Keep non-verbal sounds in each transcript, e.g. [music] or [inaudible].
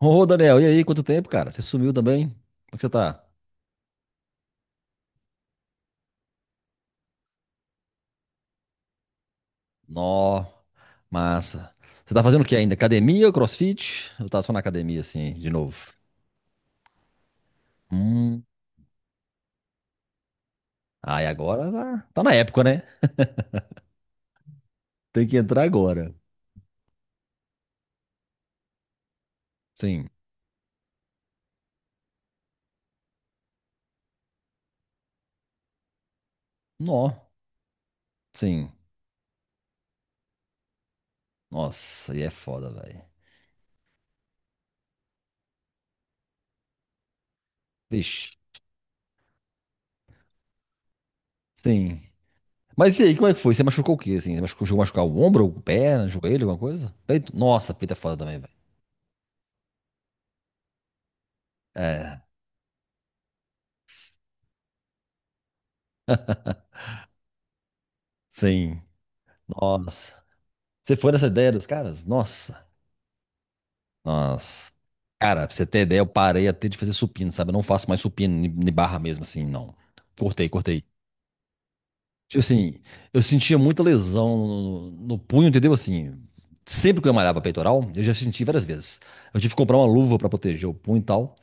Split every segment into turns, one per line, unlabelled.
Ô, Daniel, e aí? Quanto tempo, cara? Você sumiu também? Como é que você tá? Nó, massa. Você tá fazendo o que ainda? Academia, CrossFit? Eu tava só na academia, assim, de novo. Hum. Ah, e agora tá na época, né? Tem que entrar agora. Sim. Nó. Sim. Nossa, e é foda, velho. Vixe. Sim. Mas e aí, como é que foi? Você machucou o quê, assim? Você machucou, chegou a machucar o ombro, o pé, o joelho, alguma coisa? Peito? Nossa, peito é foda também, velho. É. Sim. Nossa. Você foi nessa ideia dos caras? Nossa. Nossa. Cara, pra você ter ideia, eu parei até de fazer supino, sabe? Eu não faço mais supino de barra mesmo, assim, não. Cortei, cortei. Tipo assim, eu sentia muita lesão no punho, entendeu? Assim, sempre que eu malhava peitoral, eu já senti várias vezes. Eu tive que comprar uma luva pra proteger o punho e tal.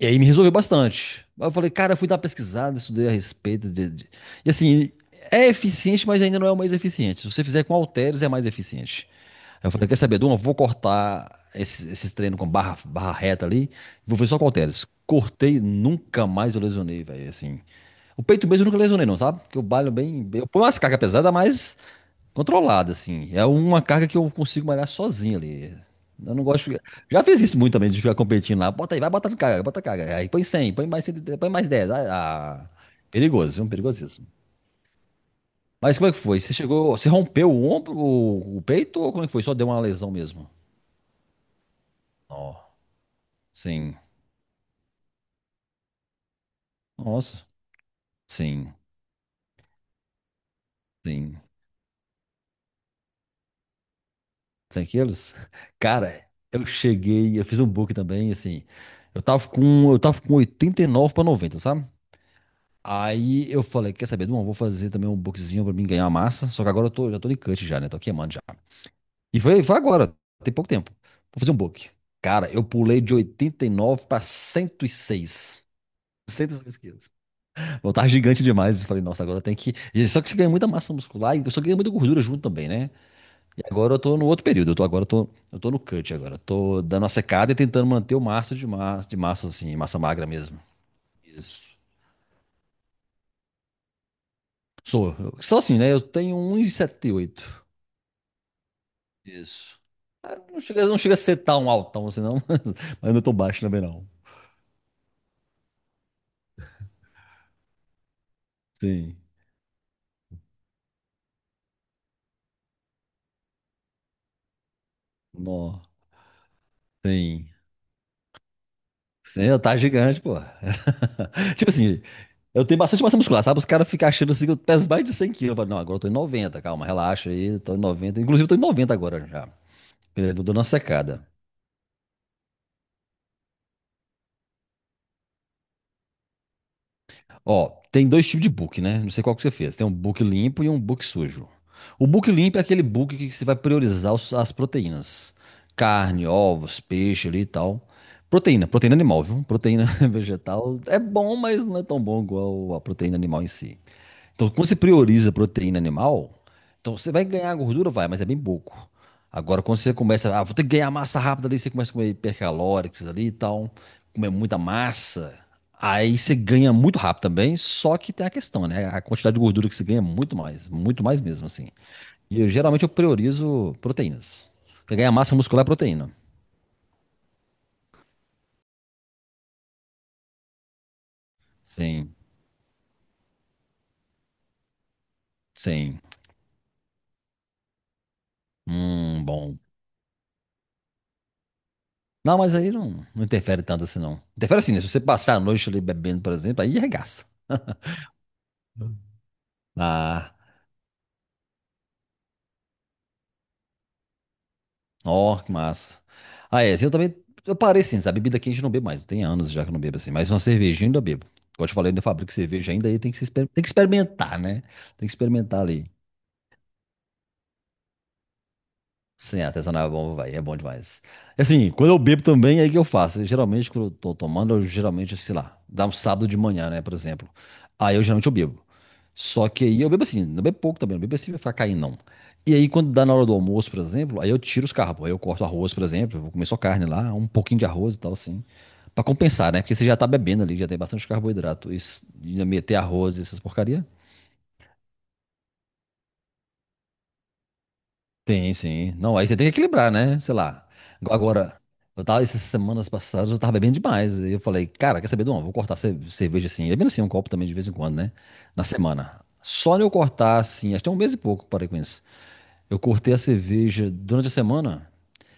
E aí me resolveu bastante. Aí eu falei, cara, eu fui dar uma pesquisada, estudei a respeito e assim, é eficiente, mas ainda não é o mais eficiente. Se você fizer com halteres, é mais eficiente. Aí eu falei, quer saber, Duma, vou cortar esses treinos com barra, barra reta ali, vou ver só com halteres. Cortei, nunca mais eu lesionei, velho, assim. O peito mesmo eu nunca lesionei não, sabe? Porque eu balho bem, eu ponho umas cargas pesadas, mas controlada, assim. É uma carga que eu consigo malhar sozinho ali. Eu não gosto de ficar. Já fiz isso muito também, de ficar competindo lá. Bota aí, vai, bota carga, bota carga. Aí põe 100, põe mais 100, põe mais 10. Perigoso, viu? Perigosíssimo. Mas como é que foi? Você chegou, você rompeu o ombro, o peito, ou como é que foi? Só deu uma lesão mesmo? Ó, sim. Nossa, sim, sim. 100 quilos? [laughs] Cara, eu cheguei, eu fiz um book também, assim. Eu tava com 89 para 90, sabe? Aí eu falei, quer saber, não, eu vou fazer também um bookzinho pra mim ganhar massa. Só que agora eu tô, já tô de cut já, né? Tô queimando já. E foi agora, tem pouco tempo. Vou fazer um book. Cara, eu pulei de 89 para 106. 106 quilos. Eu tava gigante demais. Eu falei, nossa, agora tem que. E só que você ganha muita massa muscular e só ganha muita gordura junto também, né? E agora eu tô no outro período, eu tô no cut agora. Eu tô dando a secada e tentando manter o máximo de massa assim, massa magra mesmo. Isso. Sou, eu, sou assim, né? Eu tenho 1,78. Isso. Ah, não chega a ser tão altão assim, não, [laughs] mas não tô baixo também, não. Sim. Nó. Sim. Sim, eu tá gigante, pô. [laughs] Tipo assim, eu tenho bastante massa muscular, sabe? Os caras ficam achando assim que eu peso mais de 100 quilos. Eu falo, não, agora eu tô em 90, calma, relaxa aí, tô em 90. Inclusive, eu tô em 90 agora já. Eu tô dando uma secada. Ó, tem dois tipos de book, né? Não sei qual que você fez. Tem um book limpo e um book sujo. O book limpo é aquele book que você vai priorizar as proteínas. Carne, ovos, peixe ali e tal. Proteína, proteína animal, viu? Proteína [laughs] vegetal é bom, mas não é tão bom igual a proteína animal em si. Então, quando você prioriza proteína animal, então você vai ganhar gordura, vai, mas é bem pouco. Agora, quando você começa, ah, vou ter que ganhar massa rápida ali, você começa a comer hipercalóricos ali e tal, comer muita massa, aí você ganha muito rápido também, só que tem a questão, né? A quantidade de gordura que você ganha é muito mais mesmo, assim. E eu geralmente eu priorizo proteínas. Você ganha massa muscular é proteína. Sim, sim. Bom. Não, mas aí não, não interfere tanto assim, não. Interfere assim, né? Se você passar a noite ali bebendo, por exemplo, aí arregaça. Ah, ó, que massa. Ah, é, assim, eu também. Eu parei, sim, sabe? Bebida quente eu não bebo mais. Tem anos já que eu não bebo assim. Mas uma cervejinha eu ainda bebo. Como eu te falei, eu ainda fabrico cerveja ainda e tem que se tem que experimentar, né? Tem que experimentar ali. Sim, artesanal é bom, vai, é bom demais. E assim, quando eu bebo também, aí que eu faço. Eu geralmente, quando eu tô tomando, eu geralmente, sei lá, dá um sábado de manhã, né, por exemplo. Aí eu geralmente eu bebo. Só que aí eu bebo assim, não bebo pouco também, não bebo assim pra ficar caindo, não. E aí, quando dá na hora do almoço, por exemplo, aí eu tiro os carbos. Aí eu corto arroz, por exemplo, eu vou comer só carne lá, um pouquinho de arroz e tal, assim. Pra compensar, né? Porque você já tá bebendo ali, já tem bastante carboidrato. Isso, e ainda meter arroz, e essas porcaria. Sim, sim. Não, aí você tem que equilibrar, né? Sei lá. Igual agora, eu tava essas semanas passadas, eu tava bebendo demais. E eu falei, cara, quer saber de uma? Vou cortar cerveja assim. É bem assim, um copo também de vez em quando, né? Na semana. Só eu cortar assim, acho que é um mês e pouco, parei com isso. Eu cortei a cerveja durante a semana.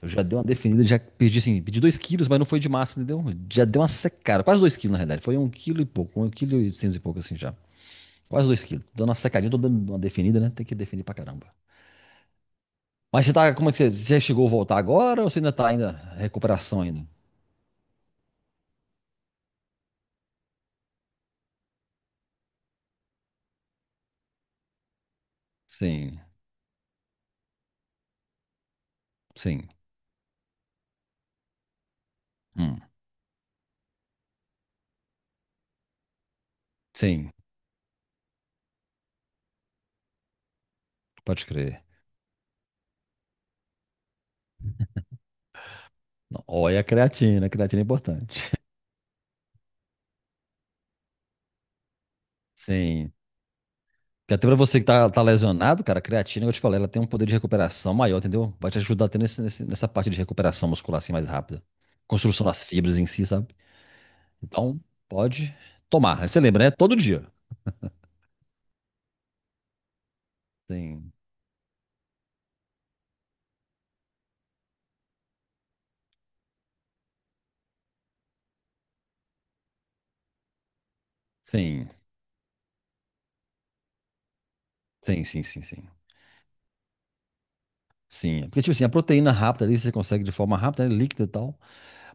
Eu já dei uma definida, já perdi assim, perdi 2 quilos, mas não foi de massa, entendeu? Já deu uma secada, quase 2 quilos na realidade. Foi um quilo e pouco, um quilo e oitocentos e pouco assim já. Quase dois quilos. Dando uma secadinha, tô dando uma definida, né? Tem que definir pra caramba. Mas você tá, como é que você, você já chegou a voltar agora ou você ainda tá ainda recuperação ainda? Sim, sim. Hum, sim, pode crer. Não, olha, a creatina é importante. [laughs] Sim. Porque até pra você que tá, tá lesionado, cara, a creatina, que eu te falei, ela tem um poder de recuperação maior, entendeu? Vai te ajudar até nesse, nessa parte de recuperação muscular assim mais rápida. Construção das fibras em si, sabe? Então, pode tomar. Aí você lembra, né? Todo dia. Sim, sim, sim, sim, sim, sim. Sim, é porque tipo assim, a proteína rápida ali você consegue de forma rápida, né, líquida e tal.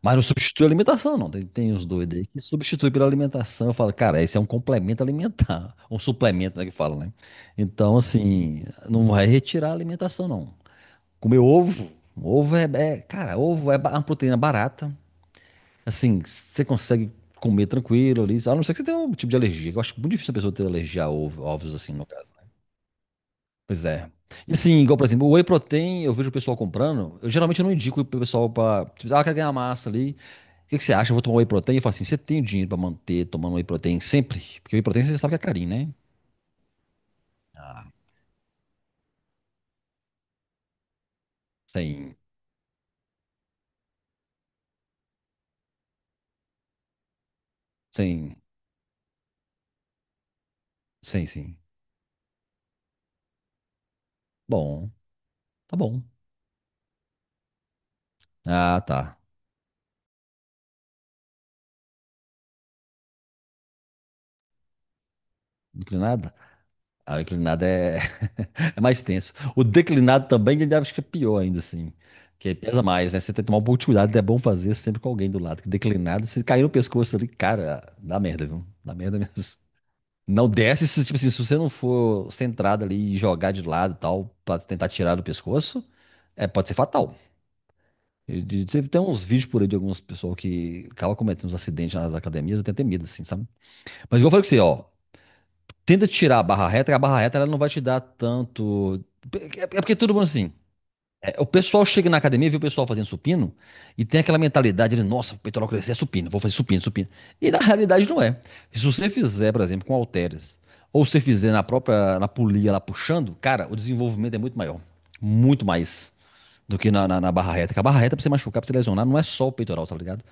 Mas não substitui a alimentação, não. Tem uns doidos aí que substitui pela alimentação. Eu falo, cara, esse é um complemento alimentar. [laughs] Um suplemento, né, que fala, né? Então, assim, não vai retirar a alimentação, não. Comer ovo. Ovo é, cara, ovo é uma proteína barata. Assim, você consegue comer tranquilo ali. A não ser que você tenha um tipo de alergia. Que Eu acho muito difícil a pessoa ter alergia a ovo, ovos, assim, no caso. Pois é. E assim, igual, por exemplo, o whey protein, eu vejo o pessoal comprando. Eu geralmente eu não indico pro pessoal pra. Tipo, ah, quer ganhar massa ali. O que que você acha? Eu vou tomar whey protein? Eu falo assim: você tem o dinheiro pra manter tomando whey protein sempre? Porque whey protein você sabe que é carinho, né? Ah, tem, tem, sim, sim. Bom, tá bom. Ah, tá. Inclinada? Ah, inclinada é. É mais tenso. O declinado também, ainda acho que é pior ainda, assim. Que aí pesa mais, né? Você tem que tomar um pouco de cuidado, é bom fazer sempre com alguém do lado. Que declinado, se cair no pescoço ali, cara, dá merda, viu? Dá merda mesmo. Não desce, se, tipo assim, se você não for centrado ali e jogar de lado e tal, pra tentar tirar do pescoço, é, pode ser fatal. Eu, tem uns vídeos por aí de algumas pessoas que acabam cometendo uns acidentes nas academias, eu tenho até medo, assim, sabe? Mas igual eu falei com você, ó, tenta tirar a barra reta, que a barra reta ela não vai te dar tanto. É porque todo mundo assim. É, o pessoal chega na academia, vê o pessoal fazendo supino e tem aquela mentalidade de, nossa, o peitoral crescer é supino, vou fazer supino, supino. E na realidade não é. Se você fizer, por exemplo, com halteres, ou se você fizer na própria, na polia lá puxando, cara, o desenvolvimento é muito maior. Muito mais do que na barra reta. Porque a barra reta, pra você machucar, pra você lesionar, não é só o peitoral, tá ligado?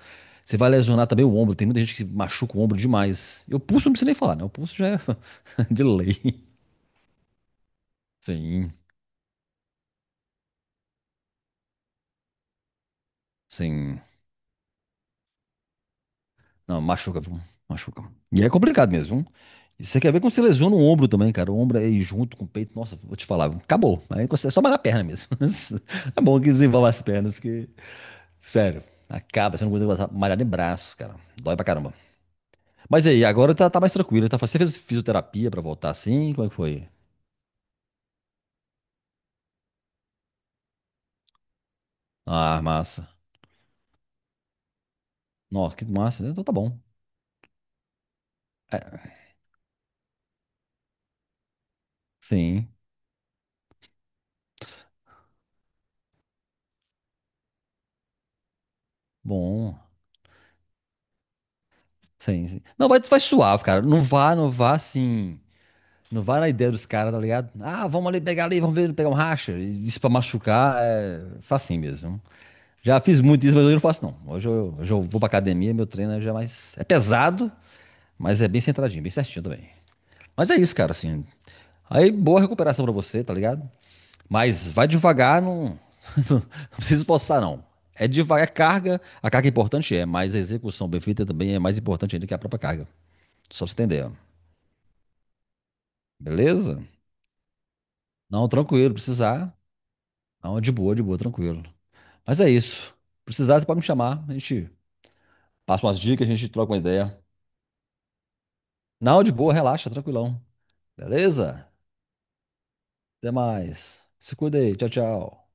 Você vai lesionar também o ombro. Tem muita gente que machuca o ombro demais. E o pulso não precisa nem falar, né? O pulso já é [laughs] de lei. Sim, sim. Não, machuca, viu? Machuca. E é complicado mesmo, viu? E você quer ver como você lesiona o ombro também, cara. O ombro aí junto com o peito. Nossa, vou te falar, viu? Acabou. Aí você- é só malhar a perna mesmo. [laughs] É bom que desenvolva as pernas, que. Sério, acaba. Você não consegue passar- malhar nem braço, cara. Dói pra caramba. Mas aí, agora tá mais tranquilo. Tá, você fez fisioterapia pra voltar assim? Como é que foi? Ah, massa. Nossa, que massa. Então tá bom. É, sim, bom. Sim, sim. Não, vai suave, cara. Não vá, não vá assim. Não vai na ideia dos caras, tá ligado? Ah, vamos ali pegar ali, vamos ver, pegar um racha. Isso pra machucar é facinho mesmo. Já fiz muito isso, mas hoje eu não faço não. Hoje eu vou pra academia, meu treino é já é mais. É pesado, mas é bem centradinho, bem certinho também. Mas é isso, cara, assim. Aí, boa recuperação pra você, tá ligado? Mas vai devagar, não, [laughs] não precisa forçar não. É devagar, é carga, a carga é importante é, mas a execução bem feita também é mais importante ainda que a própria carga. Só pra você entender, ó. Beleza? Não, tranquilo, precisar. Não, de boa, tranquilo. Mas é isso. Precisar, você pode me chamar. A gente passa umas dicas, a gente troca uma ideia. Não, de boa, relaxa, tranquilão. Beleza? Até mais. Se cuida aí. Tchau, tchau.